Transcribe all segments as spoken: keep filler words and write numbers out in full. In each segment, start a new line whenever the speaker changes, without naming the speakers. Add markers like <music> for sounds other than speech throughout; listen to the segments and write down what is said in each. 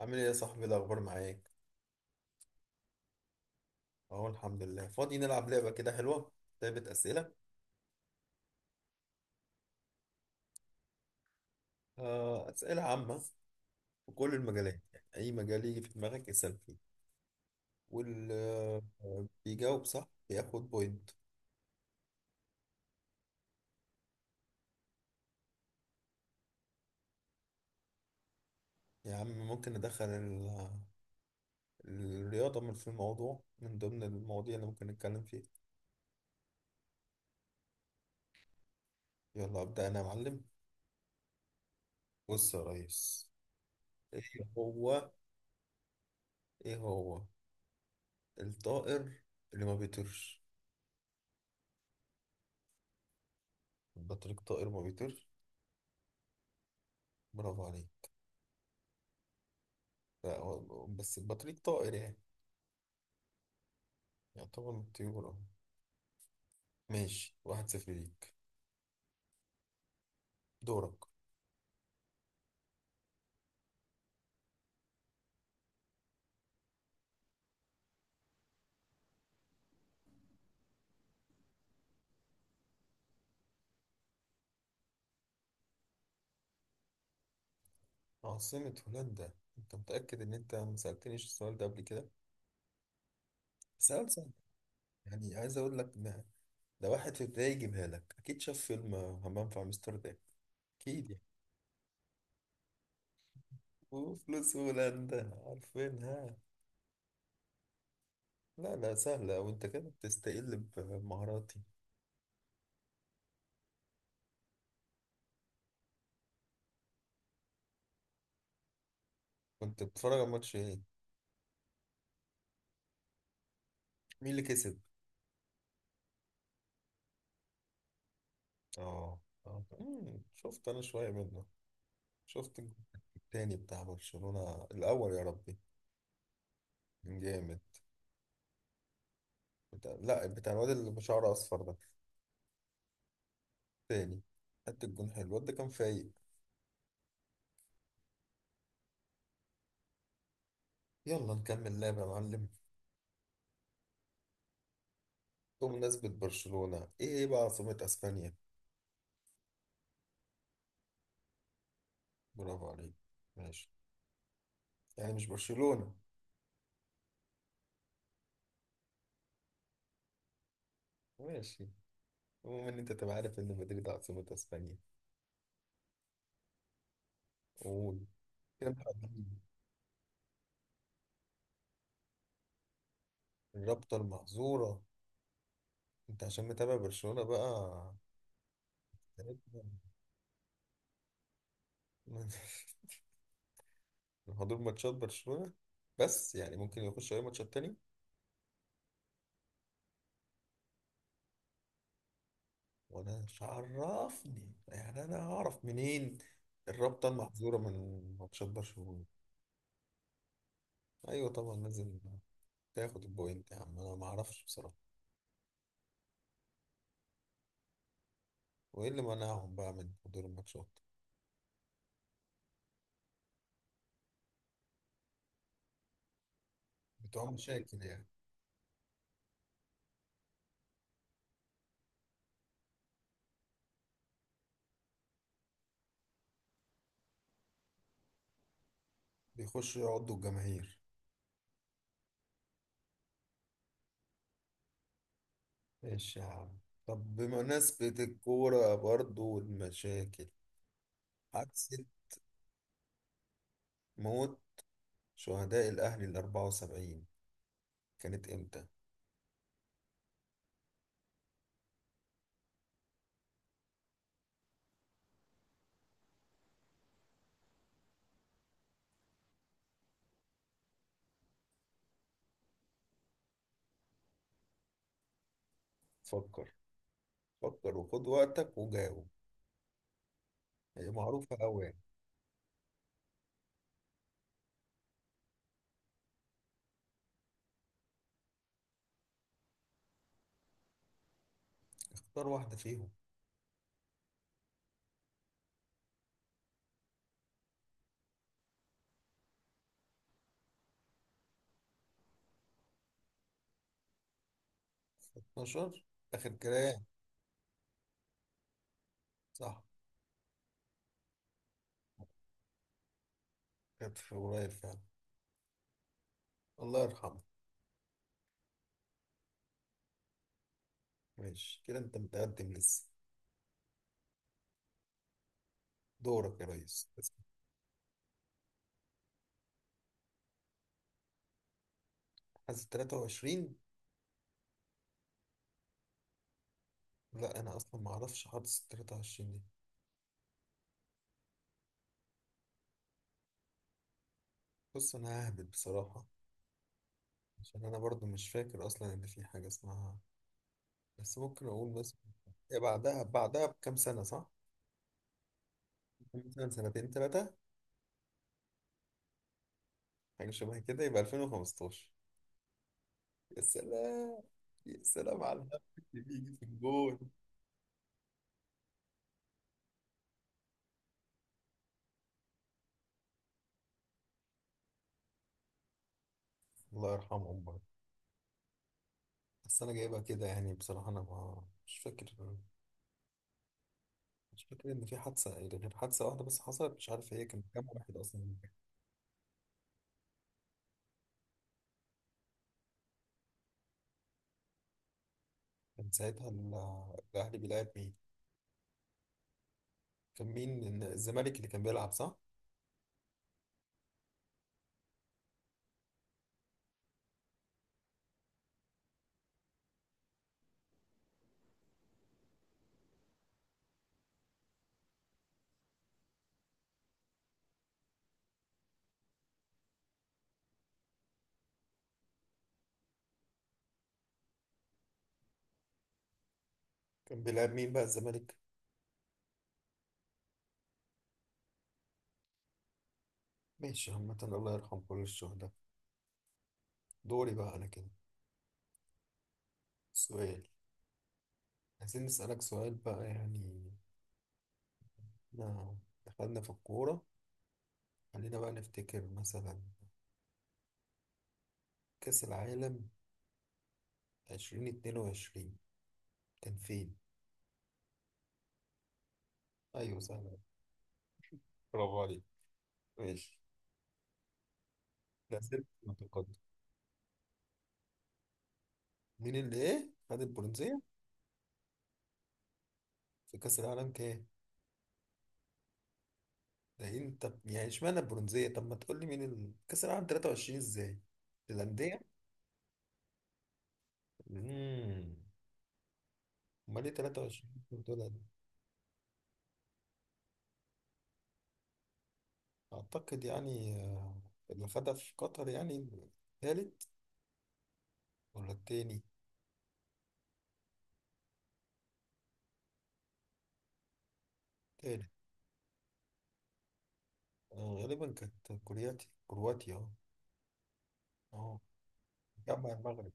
عامل ايه يا صاحبي؟ إيه الاخبار معاك؟ اهو الحمد لله، فاضي نلعب لعبه كده حلوه. لعبه اسئله. آه، اسئله عامه في كل المجالات. يعني اي مجال يجي في دماغك اسال فيه، واللي بيجاوب صح بياخد بوينت. يا عم ممكن ندخل ال- الرياضه من في الموضوع، من ضمن المواضيع اللي ممكن نتكلم فيها؟ يلا ابدا انا يا معلم. بص يا ريس. إيه هو ايه هو الطائر اللي ما بيطيرش؟ البطريق طائر ما بيطيرش. برافو عليك. لا، هو- بس البطريق طائر يعني، يعتبر من الطيور اه. ماشي، واحد صفر ليك. دورك. عاصمة هولندا؟ انت متأكد ان انت ما سألتنيش السؤال ده قبل كده؟ سؤال سهل، يعني عايز اقول لك ده ده واحد في ابتدائي يجيبها لك اكيد، شاف فيلم همام في امستردام اكيد يعني. وفلوس هولندا عارفينها. لا، لا، سهلة وانت كده بتستقل بمهاراتي. كنت بتتفرج على ماتش ايه؟ مين اللي كسب؟ اه، اه، مم، شفت انا شوية منه. شفت الجول التاني بتاع برشلونة، الأول يا ربي كان جامد. بتاع... لا، بتاع الواد اللي بشعره أصفر ده. التاني. حتى الجون حلو، الواد ده كان فايق. يلا نكمل لعب يا معلم. بمناسبة برشلونة، إيه إيه بقى عاصمة أسبانيا؟ برافو عليك. ماشي، يعني مش برشلونة. ماشي، المهم إن أنت تبقى عارف إن مدريد عاصمة أسبانيا. قول كده بقى. الرابطة المحظورة؟ أنت عشان متابع برشلونة بقى عرفت. <laughs> حضور ماتشات برشلونة، بس يعني ممكن يخش أي ماتشات تاني. وأنا مش عرفني يعني، أنا هعرف منين الرابطة المحظورة من ماتشات برشلونة؟ أيوة طبعا، لازم تاخد البوينت يا عم، أنا معرفش بصراحة. وإيه اللي منعهم بقى من حضور الماتشات؟ بتوع مشاكل يعني؟ بيخشوا يقعدوا الجماهير؟ إيش يا عم. طب بمناسبة الكورة برضو والمشاكل، حادثة موت شهداء الأهلي الأربعة وسبعين كانت إمتى؟ فكر، فكر وخد وقتك وجاوب. هي معروفة أوي يعني. اختار واحدة فيهم. اتناشر آخر كلام؟ صح. كانت في قريب فعلا، الله يرحمه. ماشي كده، أنت متقدم لسه. دورك يا ريس بس. حاسس تلاتة وعشرين. لا، أنا أصلا معرفش حاسس تلاتة وعشرين دي. بص، أنا ههبط بصراحة، عشان أنا برضو مش فاكر أصلا إن في حاجة اسمها. بس ممكن أقول بس، هي بعدها بعدها بكام سنة صح؟ مثلا سنتين تلاتة. حاجة شبه كده، يبقى ألفين وخمستاشر. يا سلام، يا سلام على <laughs> الهبل. اللي بيجي في الجول. الله يرحمه والله. بس انا جايبها كده يعني، بصراحه انا ما مش فاكر. مش فاكر ان في حادثه غير حادثه واحده بس حصلت. مش عارف هي كان كام واحد اصلا اللي كان. كان ساعتها ال- الاهلي بيلعب مين؟ كان مين إن- الزمالك اللي كان بيلعب صح؟ كان بيلعب مين بقى الزمالك؟ ماشي عامه، الله يرحم كل الشهداء. دوري بقى انا كده، سؤال. عايزين نسالك سؤال بقى يعني. احنا دخلنا في الكوره، خلينا بقى نفتكر مثلا، كأس العالم ألفين واتنين وعشرين كان فين؟ أيوة سهلة. برافو عليك. ماشي. لا زلت متقدم. مين اللي إيه؟ خد البرونزية في كأس العالم كام؟ ده أنت يعني، إشمعنى البرونزية؟ طب ما تقول لي مين ال... كأس العالم تلاتة وعشرين إزاي؟ الأندية؟ امم أمال إيه تلاتة وعشرين دول؟ أعتقد يعني آه، اللي خدها في قطر يعني، التالت ولا التاني؟ تالت. آه، غالبا كانت كرواتيا. كرواتيا، أه. أه. جمع المغرب.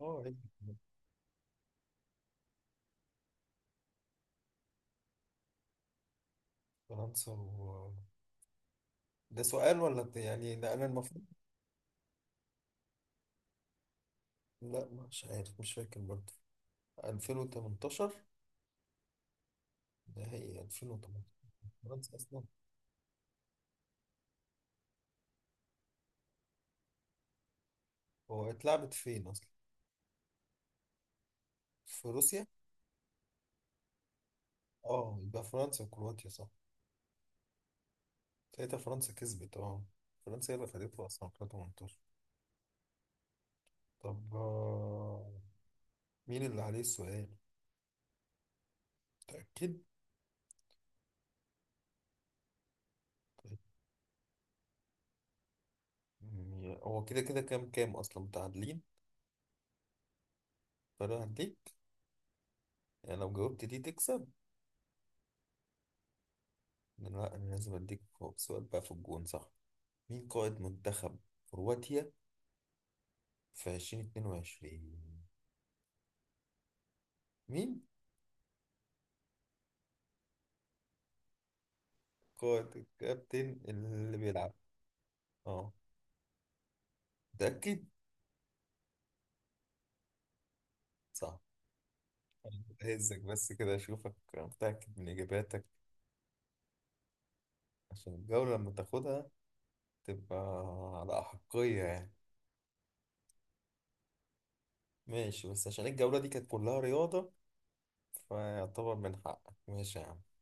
أه هي. فرنسا و... ده سؤال ولا بت- يعني ده انا المفروض؟ لا، مش عارف، مش فاكر برضه. ألفين وتمنتاشر. نهائي ألفين وتمنتاشر؟ فرنسا اصلا. هو اتلعبت فين اصلا؟ في روسيا. اه، يبقى فرنسا وكرواتيا صح. ساعتها فرنسا كسبت اه. فرنسا هي اللي خدتها اصلا ألفين وتمنتاشر. طب آه، مين اللي عليه السؤال؟ متأكد؟ م- هو كده كده، كام كام اصلا متعادلين؟ فانا هديك، يعني لو جاوبت دي تكسب. لا، انا لازم اديك سؤال بقى في الجون صح. مين قائد منتخب كرواتيا في ألفين واتنين وعشرين؟ مين قائد الكابتن اللي بيلعب؟ اه. متأكد؟ صح. هزك بس كده اشوفك متأكد من اجاباتك، عشان الجولة لما تاخدها تبقى على أحقية يعني. ماشي، بس عشان الجولة دي كانت كلها رياضة فيعتبر من حقك. ماشي يا عم.